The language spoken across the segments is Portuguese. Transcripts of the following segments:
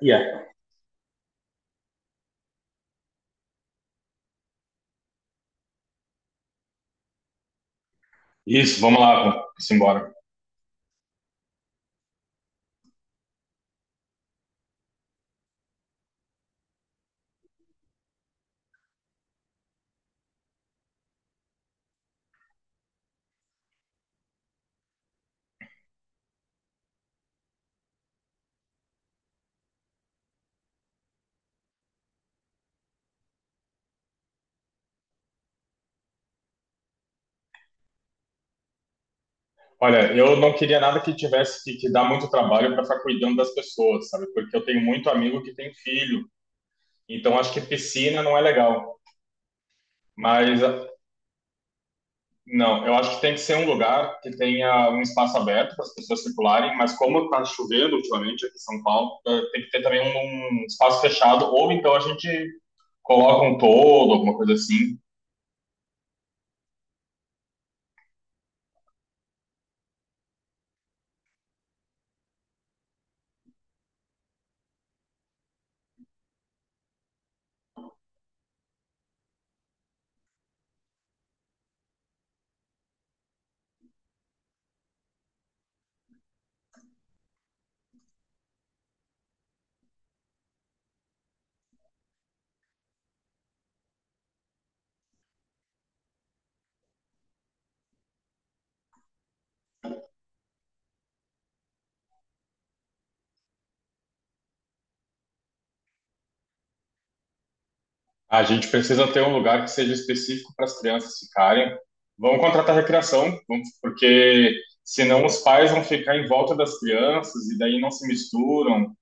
Yeah. Isso, vamos lá, vamos embora. Olha, eu não queria nada que tivesse que dar muito trabalho para ficar cuidando das pessoas, sabe? Porque eu tenho muito amigo que tem filho, então acho que piscina não é legal. Mas não, eu acho que tem que ser um lugar que tenha um espaço aberto para as pessoas circularem, mas como está chovendo ultimamente aqui em São Paulo, tem que ter também um espaço fechado, ou então a gente coloca um toldo, alguma coisa assim. A gente precisa ter um lugar que seja específico para as crianças ficarem. Vamos contratar recreação, porque senão os pais vão ficar em volta das crianças e daí não se misturam.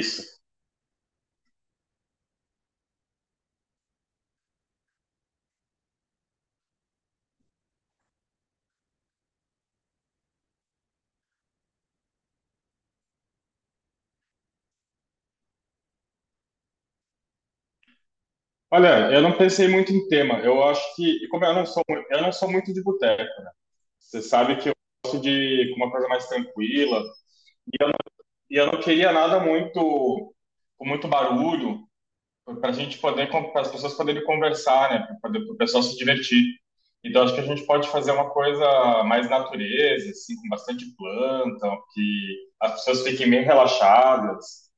Isso. Olha, eu não pensei muito em tema. Eu acho que, e como eu não sou, eu não sou muito de boteco. Você sabe que eu sou de uma coisa mais tranquila e eu não queria nada muito com muito barulho, para a gente poder, para as pessoas poderem conversar, né? Para o pessoal se divertir. Então, acho que a gente pode fazer uma coisa mais natureza, assim, com bastante planta, que as pessoas fiquem bem relaxadas.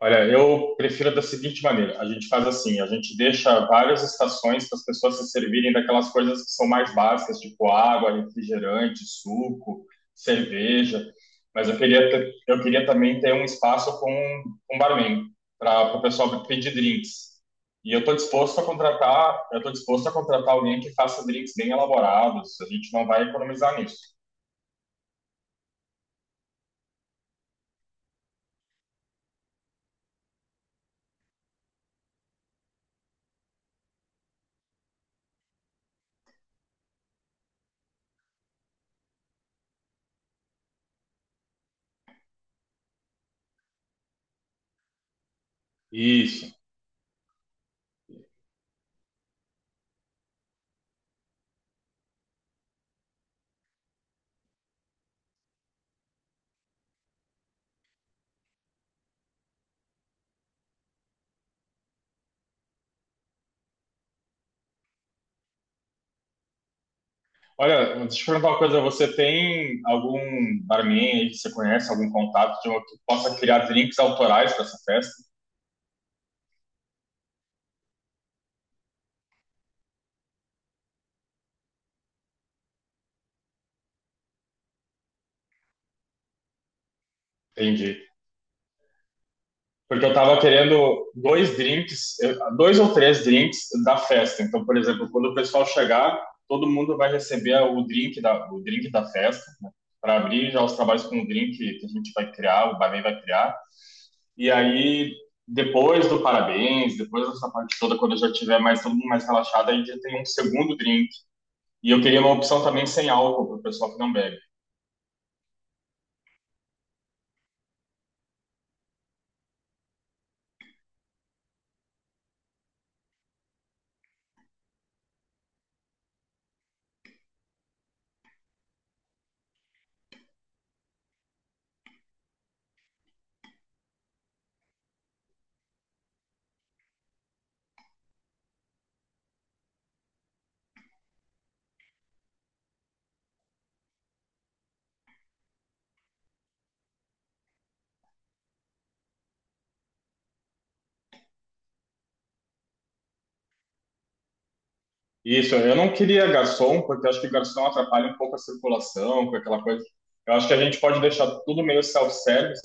Olha, eu prefiro da seguinte maneira: a gente faz assim, a gente deixa várias estações para as pessoas se servirem daquelas coisas que são mais básicas, tipo água, refrigerante, suco, cerveja. Mas eu queria, eu queria também ter um espaço com um barman para o pessoal pedir drinks. E eu estou disposto a contratar, eu estou disposto a contratar alguém que faça drinks bem elaborados. A gente não vai economizar nisso. Olha, deixa eu te perguntar uma coisa. Você tem algum barman aí que você conhece, algum contato de uma, que possa criar drinks autorais para essa festa? Entendi. Porque eu tava querendo dois drinks, dois ou três drinks da festa. Então, por exemplo, quando o pessoal chegar, todo mundo vai receber o drink da festa, né? Para abrir já os trabalhos com o drink que a gente vai criar, o barman vai criar. E aí, depois do parabéns, depois dessa parte toda, quando já tiver mais todo mundo mais relaxado, aí já tem um segundo drink. E eu queria uma opção também sem álcool para o pessoal que não bebe. Isso, eu não queria garçom, porque eu acho que garçom atrapalha um pouco a circulação, com aquela coisa. Eu acho que a gente pode deixar tudo meio self-service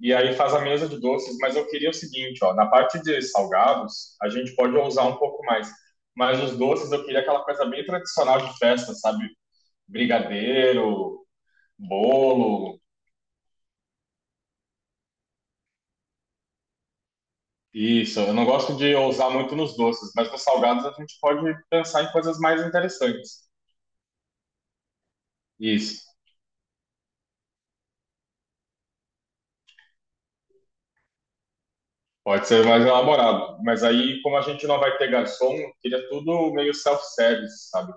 e aí faz a mesa de doces, mas eu queria o seguinte, ó, na parte de salgados, a gente pode ousar um pouco mais, mas os doces eu queria aquela coisa bem tradicional de festa, sabe? Brigadeiro, bolo, isso. Eu não gosto de ousar muito nos doces, mas nos salgados a gente pode pensar em coisas mais interessantes. Isso. Pode ser mais elaborado, mas aí, como a gente não vai ter garçom, eu queria tudo meio self-service, sabe?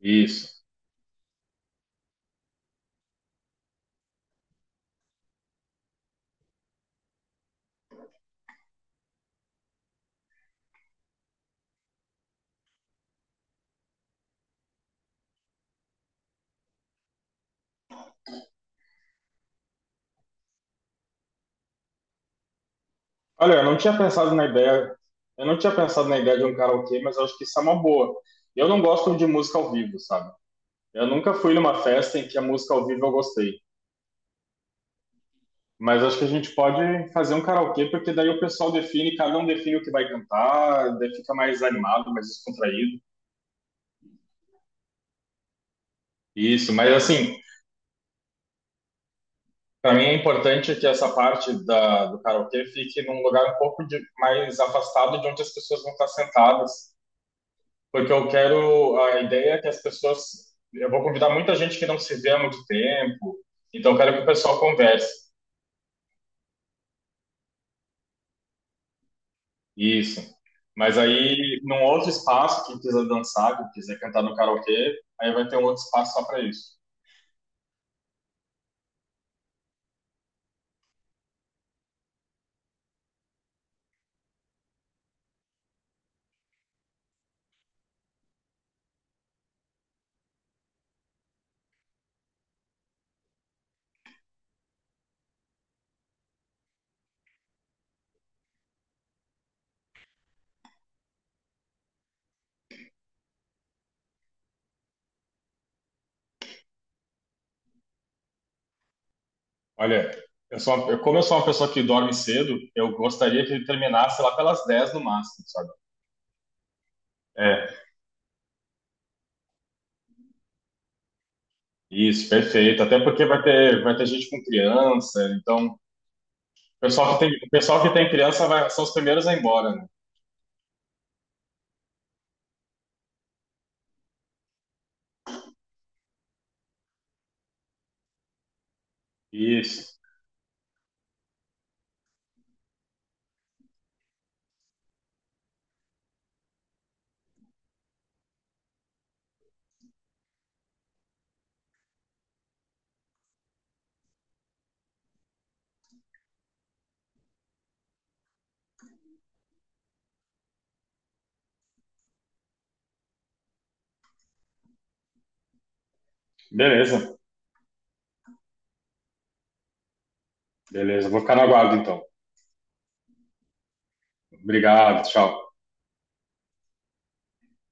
Isso. Olha, eu não tinha pensado na ideia de um karaokê, mas eu acho que isso é uma boa. Eu não gosto de música ao vivo, sabe? Eu nunca fui numa festa em que a música ao vivo eu gostei, mas acho que a gente pode fazer um karaokê, porque daí o pessoal define, cada um define o que vai cantar, daí fica mais animado, mais descontraído. Isso, mas assim, para mim é importante que essa parte da, do karaokê fique num lugar um pouco mais afastado de onde as pessoas vão estar sentadas, porque eu quero, a ideia é que as pessoas, eu vou convidar muita gente que não se vê há muito tempo, então eu quero que o pessoal converse, isso. Mas aí, num outro espaço, quem quiser dançar, quem quiser cantar no karaokê, aí vai ter um outro espaço só para isso. Olha, eu sou uma, como eu sou uma pessoa que dorme cedo, eu gostaria que ele terminasse lá pelas 10 no máximo, sabe? É, isso, perfeito. Até porque vai ter gente com criança, então o pessoal que tem criança vai, são os primeiros a ir embora, né? Isso. Beleza, beleza. Vou ficar no aguardo então. Obrigado, tchau.